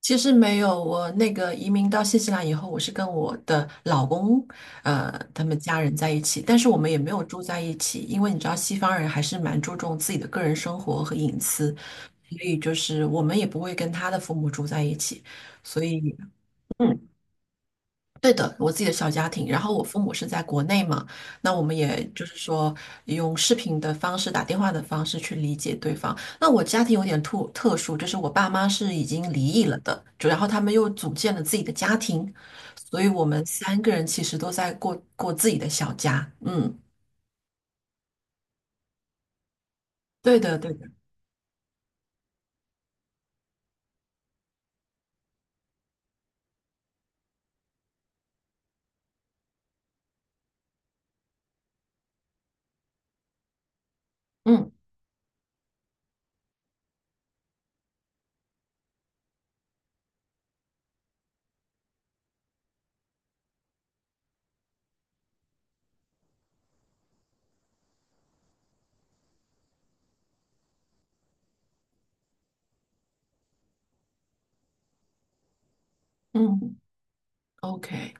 其实没有，我那个移民到新西兰以后，我是跟我的老公，他们家人在一起，但是我们也没有住在一起，因为你知道西方人还是蛮注重自己的个人生活和隐私，所以就是我们也不会跟他的父母住在一起，所以。嗯。对的，我自己的小家庭，然后我父母是在国内嘛，那我们也就是说用视频的方式、打电话的方式去理解对方。那我家庭有点特殊，就是我爸妈是已经离异了的，就然后他们又组建了自己的家庭，所以我们三个人其实都在过自己的小家。嗯，对的，对的，嗯嗯，OK。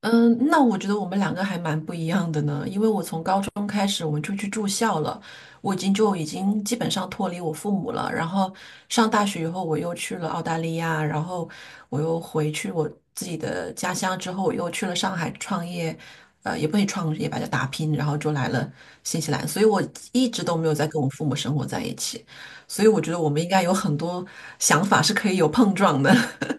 嗯，那我觉得我们两个还蛮不一样的呢，因为我从高中开始我们就去住校了，我已经基本上脱离我父母了。然后上大学以后，我又去了澳大利亚，然后我又回去我自己的家乡，之后我又去了上海创业，也不能创业吧，就打拼，然后就来了新西兰，所以我一直都没有在跟我父母生活在一起，所以我觉得我们应该有很多想法是可以有碰撞的。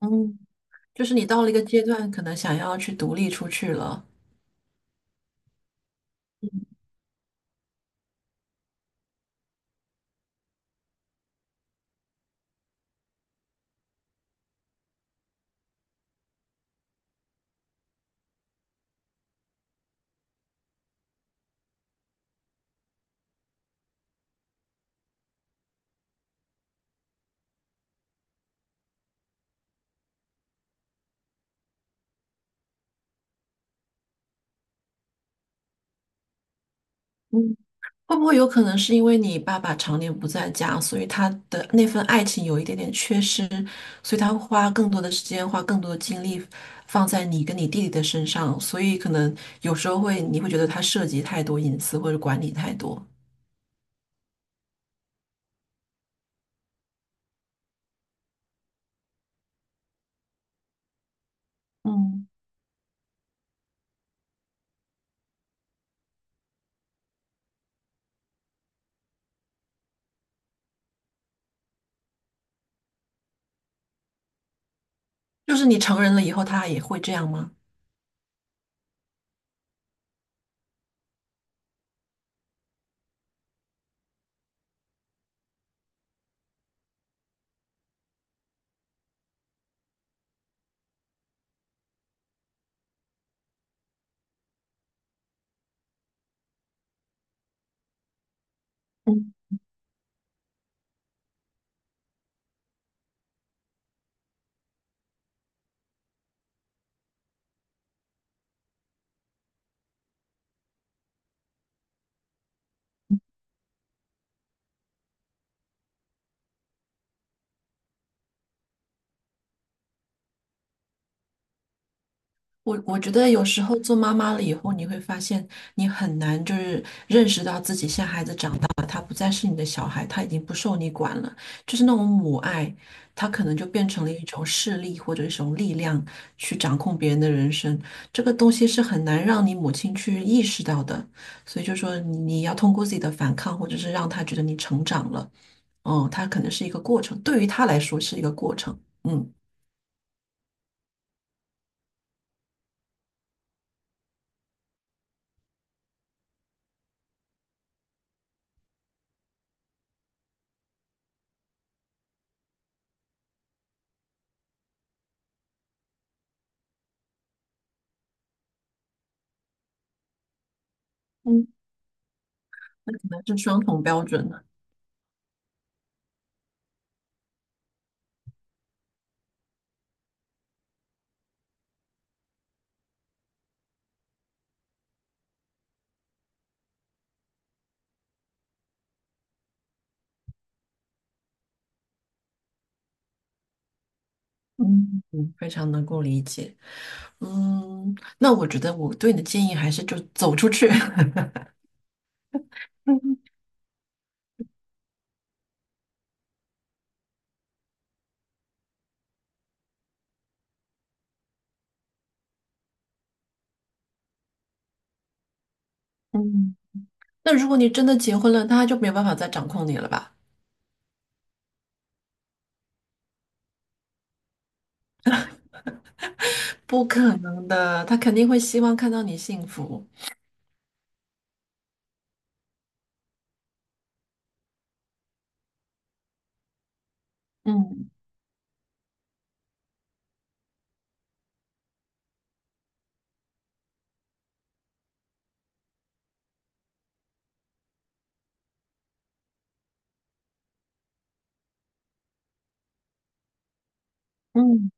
嗯，就是你到了一个阶段，可能想要去独立出去了。嗯，会不会有可能是因为你爸爸常年不在家，所以他的那份爱情有一点点缺失，所以他会花更多的时间，花更多的精力放在你跟你弟弟的身上，所以可能有时候会你会觉得他涉及太多隐私或者管理太多。嗯就是你成人了以后，他也会这样吗？我觉得有时候做妈妈了以后，你会发现你很难就是认识到自己现在孩子长大了，他不再是你的小孩，他已经不受你管了，就是那种母爱，他可能就变成了一种势力或者一种力量去掌控别人的人生，这个东西是很难让你母亲去意识到的，所以就说你要通过自己的反抗，或者是让他觉得你成长了，嗯，他可能是一个过程，对于他来说是一个过程，嗯，嗯。那可能是双重标准。嗯，嗯非常能够理解。嗯，那我觉得我对你的建议还是就走出去。嗯，那如果你真的结婚了，他就没有办法再掌控你了吧？不可能的，他肯定会希望看到你幸福。嗯嗯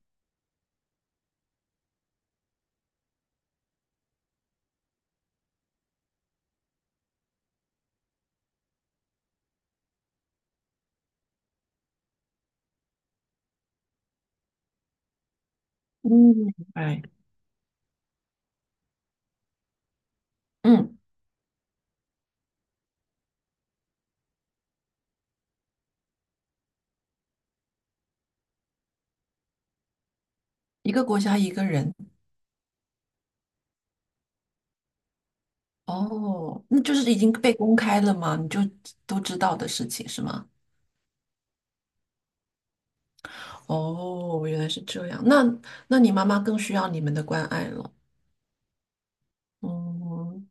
嗯，明白嗯，一个国家一个人。哦，那就是已经被公开了吗？你就都知道的事情是吗？哦，原来是这样。那那你妈妈更需要你们的关爱了。嗯，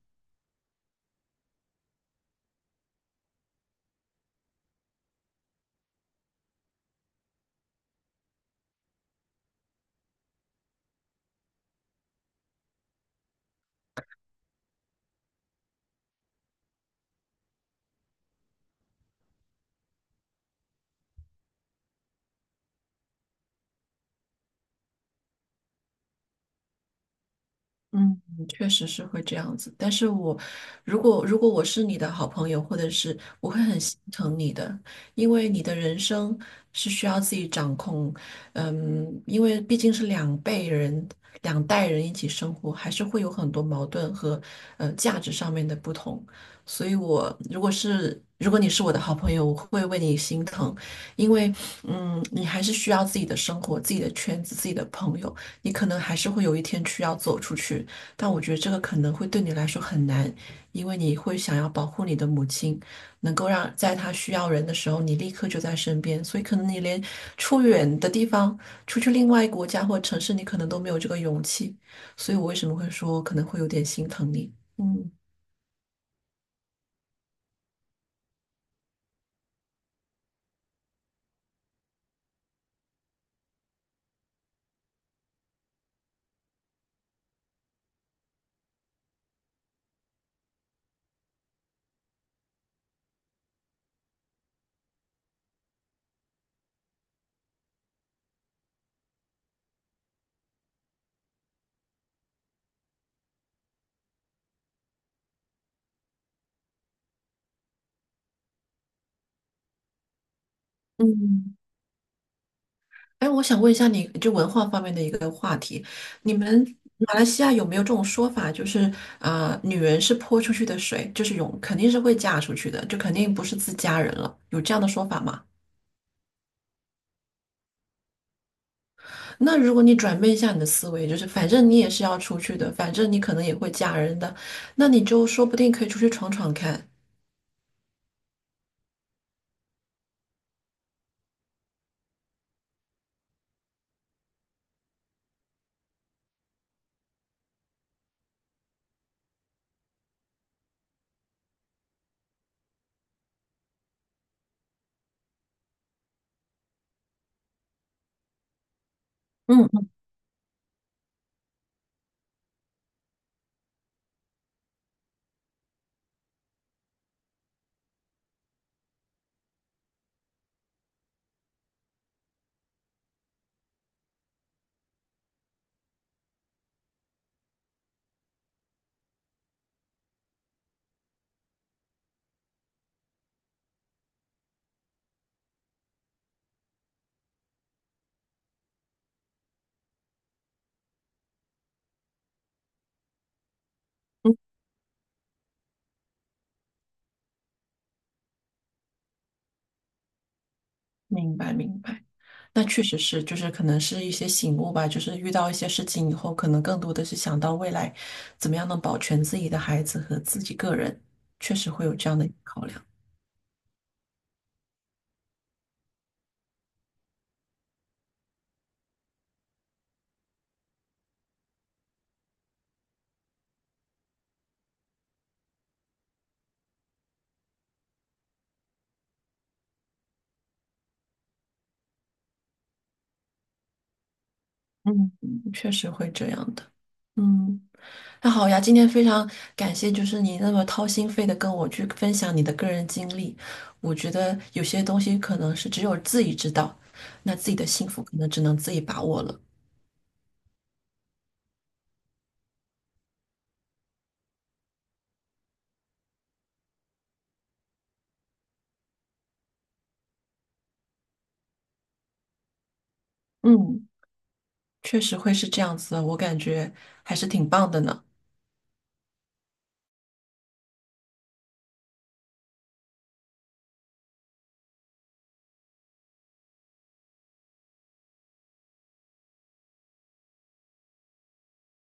嗯，确实是会这样子，但是我如果我是你的好朋友，或者是我会很心疼你的，因为你的人生是需要自己掌控，嗯，因为毕竟是两辈人、两代人一起生活，还是会有很多矛盾和价值上面的不同，所以我如果你是我的好朋友，我会为你心疼，因为嗯，你还是需要自己的生活、自己的圈子、自己的朋友。你可能还是会有一天需要走出去，但我觉得这个可能会对你来说很难，因为你会想要保护你的母亲，能够让在她需要人的时候，你立刻就在身边。所以可能你连出远的地方，出去另外一个国家或城市，你可能都没有这个勇气。所以我为什么会说可能会有点心疼你？嗯嗯，哎，我想问一下你，就文化方面的一个话题，你们马来西亚有没有这种说法，就是啊，女人是泼出去的水，就是永肯定是会嫁出去的，就肯定不是自家人了，有这样的说法吗？那如果你转变一下你的思维，就是反正你也是要出去的，反正你可能也会嫁人的，那你就说不定可以出去闯闯看。嗯嗯明白明白。那确实是，就是可能是一些醒悟吧，就是遇到一些事情以后，可能更多的是想到未来怎么样能保全自己的孩子和自己个人，确实会有这样的考量，嗯，嗯确实会这样的。嗯，那好呀，今天非常感谢，就是你那么掏心肺的跟我去分享你的个人经历，我觉得有些东西可能是只有自己知道，那自己的幸福可能只能自己把握了。嗯，确实会是这样子的，我感觉还是挺棒的呢。